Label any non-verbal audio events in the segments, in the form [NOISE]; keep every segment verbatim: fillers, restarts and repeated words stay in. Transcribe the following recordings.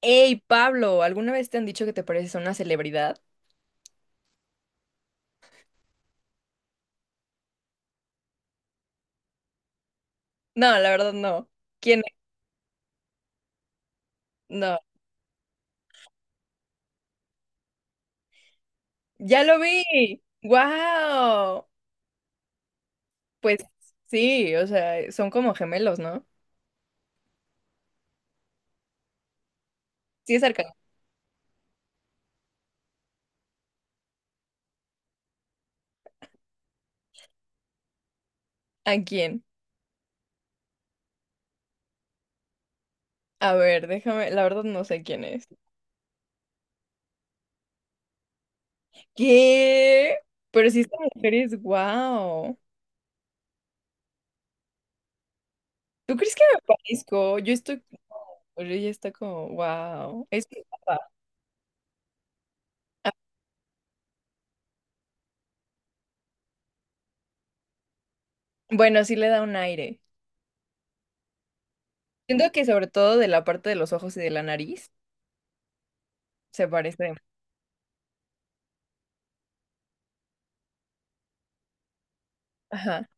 Hey, Pablo, ¿alguna vez te han dicho que te pareces a una celebridad? No, la verdad no. ¿Quién es? No. ¡Ya lo vi! ¡Wow! Pues sí, o sea, son como gemelos, ¿no? Sí, es cercano. ¿A quién? A ver, déjame, la verdad no sé quién es. ¿Qué? Pero sí, esta mujer es wow. ¿Tú crees que me parezco? Yo estoy. Pero ella está como, wow. Es muy guapa. Bueno, sí le da un aire. Siento que sobre todo de la parte de los ojos y de la nariz se parece. Ajá.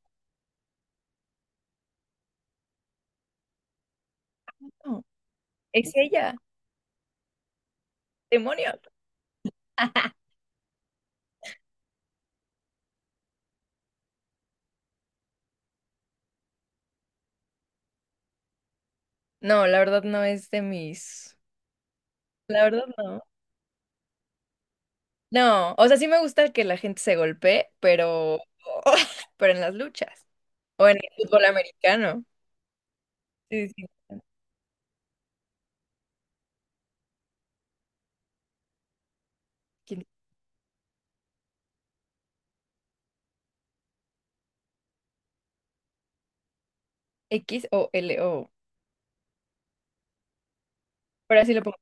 No, ¿es ella? ¡Demonios! No, la verdad no es de mis. La verdad no. No, o sea, sí me gusta que la gente se golpee, pero. [LAUGHS] Pero en las luchas. O en el fútbol americano. Sí, sí, sí. ¿Quién? X o L O. Pero así lo pongo.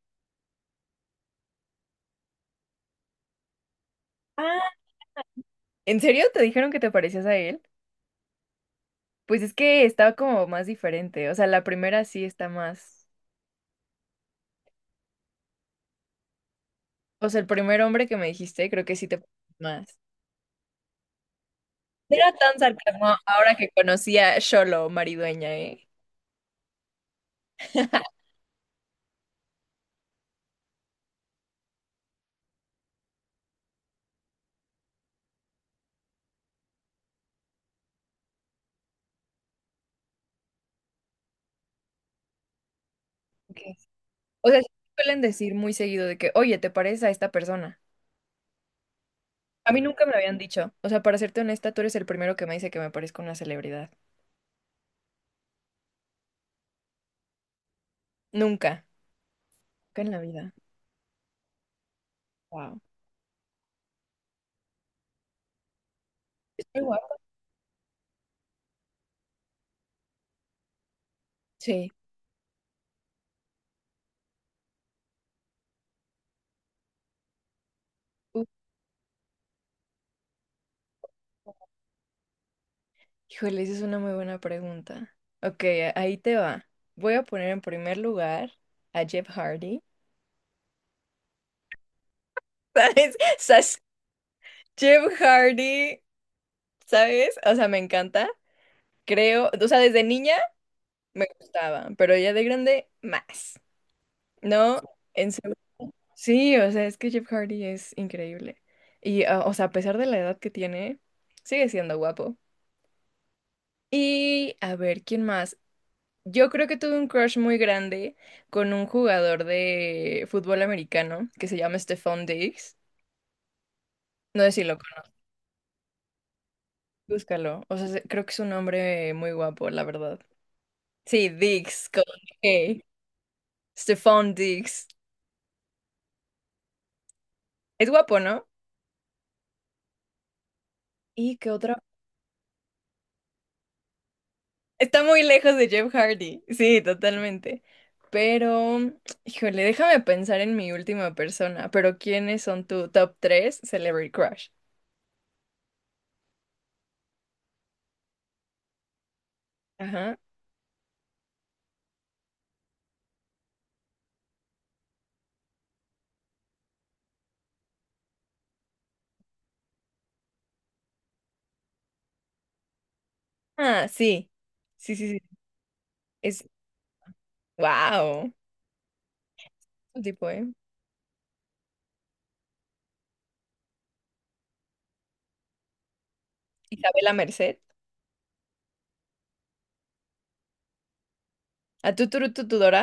Ah, ¿en serio te dijeron que te parecías a él? Pues es que estaba como más diferente. O sea, la primera sí está más. O sea, el primer hombre que me dijiste, creo que sí te pareces más. No era tan sarcasmo ahora que conocí a Xolo Maridueña, ¿eh? Ok. O sea, sí suelen decir muy seguido de que, oye, ¿te pareces a esta persona? A mí nunca me lo habían dicho. O sea, para serte honesta, tú eres el primero que me dice que me parezco a una celebridad. Nunca. Nunca en la vida. Wow. Estoy guapa. Sí. Uf, híjole, esa es una muy buena pregunta. Ok, a- ahí te va. Voy a poner en primer lugar a Jeff Hardy. [LAUGHS] ¿Sabes? ¿Sabes? Jeff Hardy, ¿sabes? O sea, me encanta. Creo, o sea, desde niña me gustaba, pero ya de grande más. No, en serio. Sí, o sea, es que Jeff Hardy es increíble. Y, ah, o sea, a pesar de la edad que tiene, sigue siendo guapo. Y, a ver, ¿quién más? Yo creo que tuve un crush muy grande con un jugador de fútbol americano que se llama Stephon Diggs. No sé si lo conoces, búscalo. O sea, se- creo que es un hombre muy guapo, la verdad. Sí, Diggs, con G. Stephon Diggs. Es guapo, ¿no? ¿Y qué otra? Está muy lejos de Jeff Hardy. Sí, totalmente. Pero, híjole, déjame pensar en mi última persona. Pero, ¿quiénes son tu top tres Celebrity Crush? Ajá. Ah, sí. Sí, sí, sí. Es. ¡Wow! Tipo, ¿eh? Isabela Merced. ¿A tu turu tu, tu, Dora?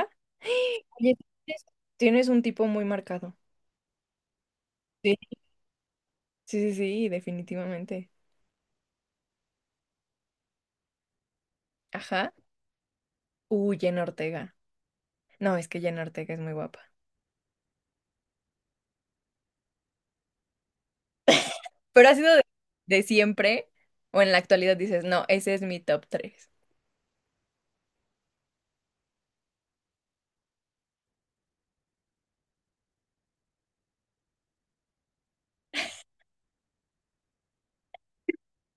Oye, tienes tienes un tipo muy marcado. Sí. Sí, sí, sí, definitivamente. Ajá. Uh, Jenna Ortega. No, es que Jenna Ortega es muy guapa. Pero ha sido de, de siempre o en la actualidad dices, no, ese es mi top tres.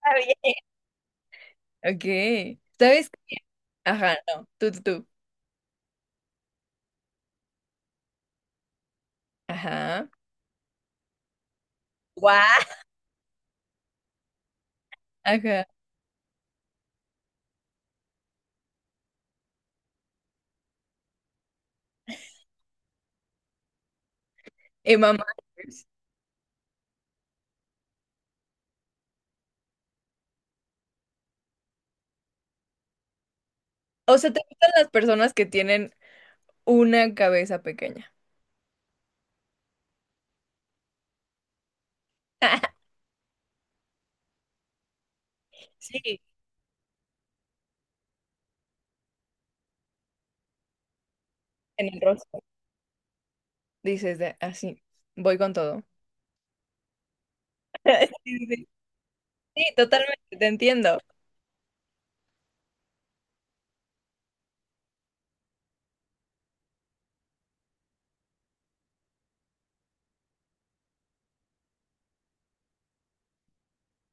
Está bien. Ok. ¿Sabes? Ajá, no. Tú, tú, tú. Ajá. Guau. Ajá. Emma Myers. O sea, ¿te gustan las personas que tienen una cabeza pequeña? [LAUGHS] Sí. En el rostro. Dices de así, voy con todo. [LAUGHS] Sí, sí, sí. Sí, totalmente, te entiendo.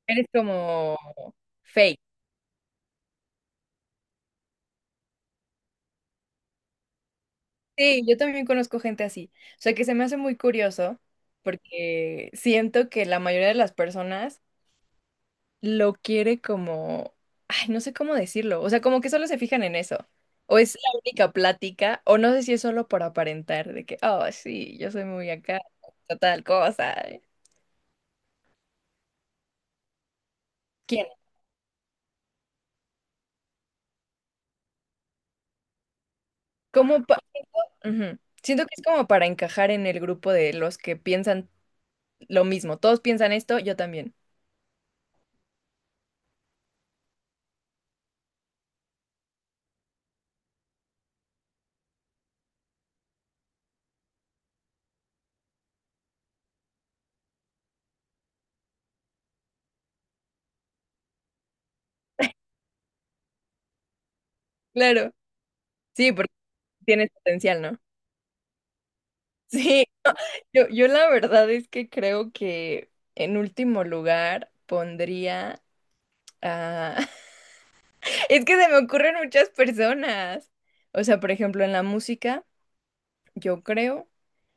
Eres como fake. Sí, yo también conozco gente así. O sea, que se me hace muy curioso porque siento que la mayoría de las personas lo quiere como, ay, no sé cómo decirlo. O sea, como que solo se fijan en eso. O es la única plática, o no sé si es solo por aparentar, de que, oh, sí, yo soy muy acá, tal cosa. ¿Quién? ¿Cómo? pa- Ujú. Siento que es como para encajar en el grupo de los que piensan lo mismo. Todos piensan esto, yo también. Claro. Sí, porque tienes potencial, ¿no? Sí, no, yo, yo la verdad es que creo que en último lugar pondría a... [LAUGHS] Es que se me ocurren muchas personas. O sea, por ejemplo, en la música, yo creo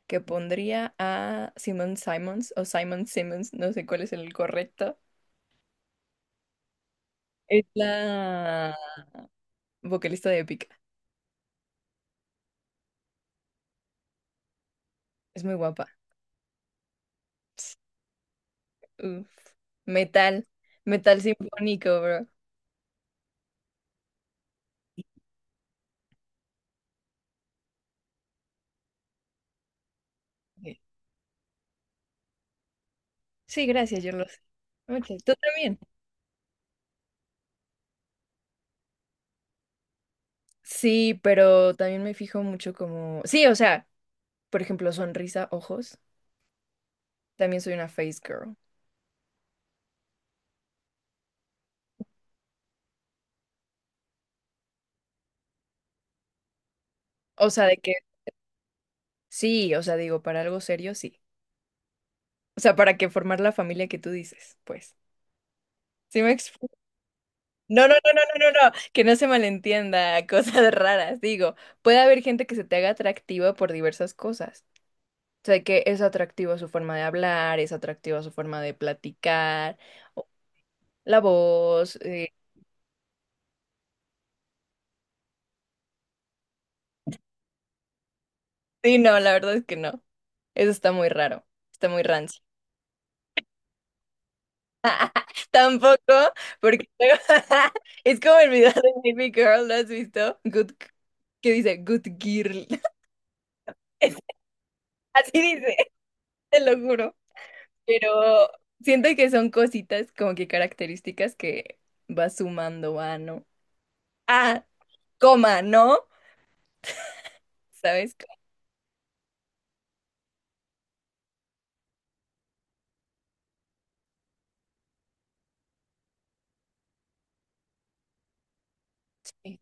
que pondría a Simon Simons o Simon Simmons, no sé cuál es el correcto. Es la vocalista de Épica. Es muy guapa. Uf. Metal, metal sinfónico, bro. Sí, gracias, yo lo sé. Muchas- Tú también. Sí, pero también me fijo mucho como... Sí, o sea, por ejemplo, sonrisa, ojos. También soy una face girl. O sea, de que... Sí, o sea, digo, para algo serio, sí. O sea, para que formar la familia que tú dices, pues. ¿Sí me explico? No, no, no, no, no, no, no. Que no se malentienda, [LAUGHS] cosas raras. Digo, puede haber gente que se te haga atractiva por diversas cosas. O sea, que es atractiva su forma de hablar, es atractiva su forma de platicar, o la voz. eh, Sí, no, la verdad es que no. Eso está muy raro, está muy rancio. [LAUGHS] Tampoco, porque luego- [LAUGHS] es como el video de Baby Girl, ¿lo has visto? Good, que dice Good Girl. [LAUGHS] Es- Así dice, te lo juro. Pero siento que son cositas como que características que va sumando a, ¿no? Ah, coma, ¿no? ¿Sabes? Como que-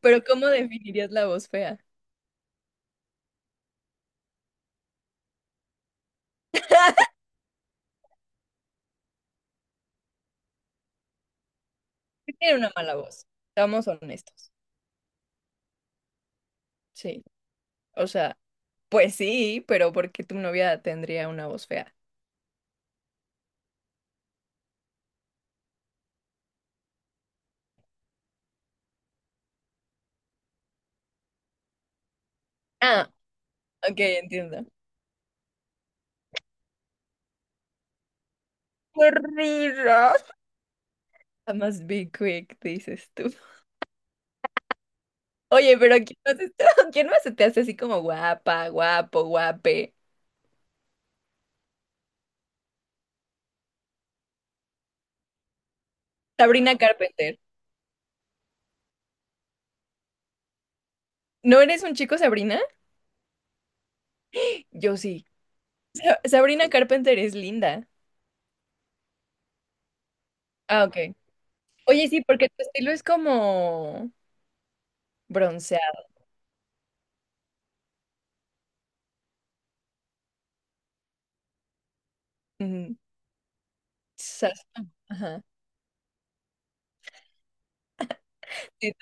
Pero ¿cómo definirías la voz fea? [LAUGHS] Tiene una mala voz, seamos honestos. Sí, o sea. Pues sí, pero ¿por qué tu novia tendría una voz fea? Ah, ok, entiendo. ¡Qué risa! I must be quick, dices tú. Oye, pero ¿quién más, está- [LAUGHS] quién más se te hace así como guapa, guapo, guape? Sabrina Carpenter. ¿No eres un chico, Sabrina? Yo sí. Sa- Sabrina Carpenter es linda. Ah, ok. Oye, sí, porque tu estilo es como bronceado. Mm, sas- Ajá. Sí,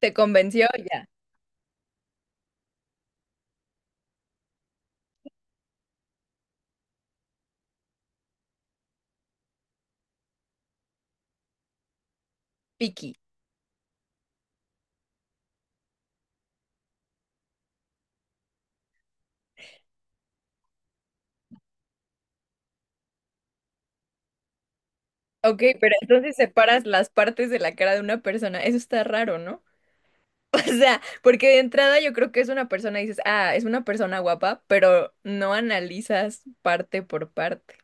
te convenció ya. Picky. Ok, pero entonces separas las partes de la cara de una persona. Eso está raro, ¿no? [LAUGHS] O sea, porque de entrada yo creo que es una persona y dices, ah, es una persona guapa, pero no analizas parte por parte.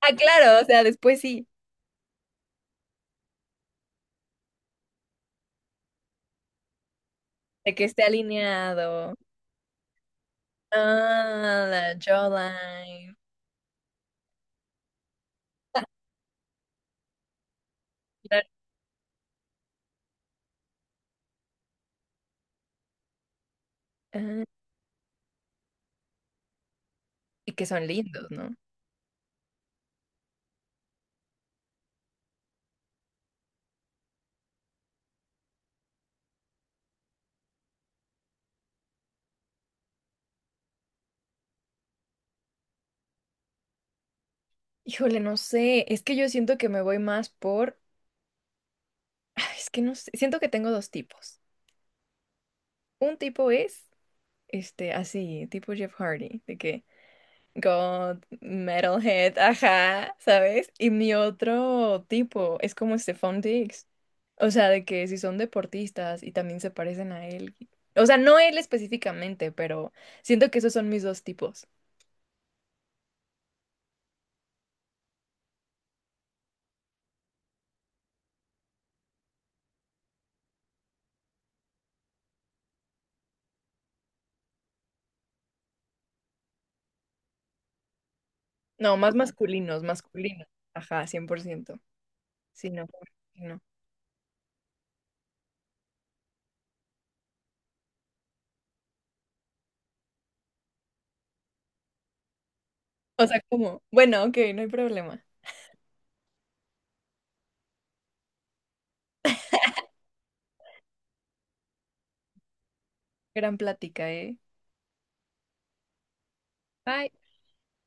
Ah, claro, o sea, después sí, de que esté alineado. Ah, la jawline. Claro. Ah, y que son lindos, ¿no? Híjole, no sé, es que yo siento que me voy más por... [SIGHS] Es que no sé, siento que tengo dos tipos. Un tipo es, este, así, tipo Jeff Hardy, de que... God, metalhead, ajá, ¿sabes? Y mi otro tipo es como Stephon Diggs. O sea, de que si son deportistas y también se parecen a él. O sea, no él específicamente, pero siento que esos son mis dos tipos. No, más masculinos, masculinos. Ajá, cien por ciento. Sí, no, no. O sea, como, bueno, ok, no hay problema. Gran plática, ¿eh? Bye.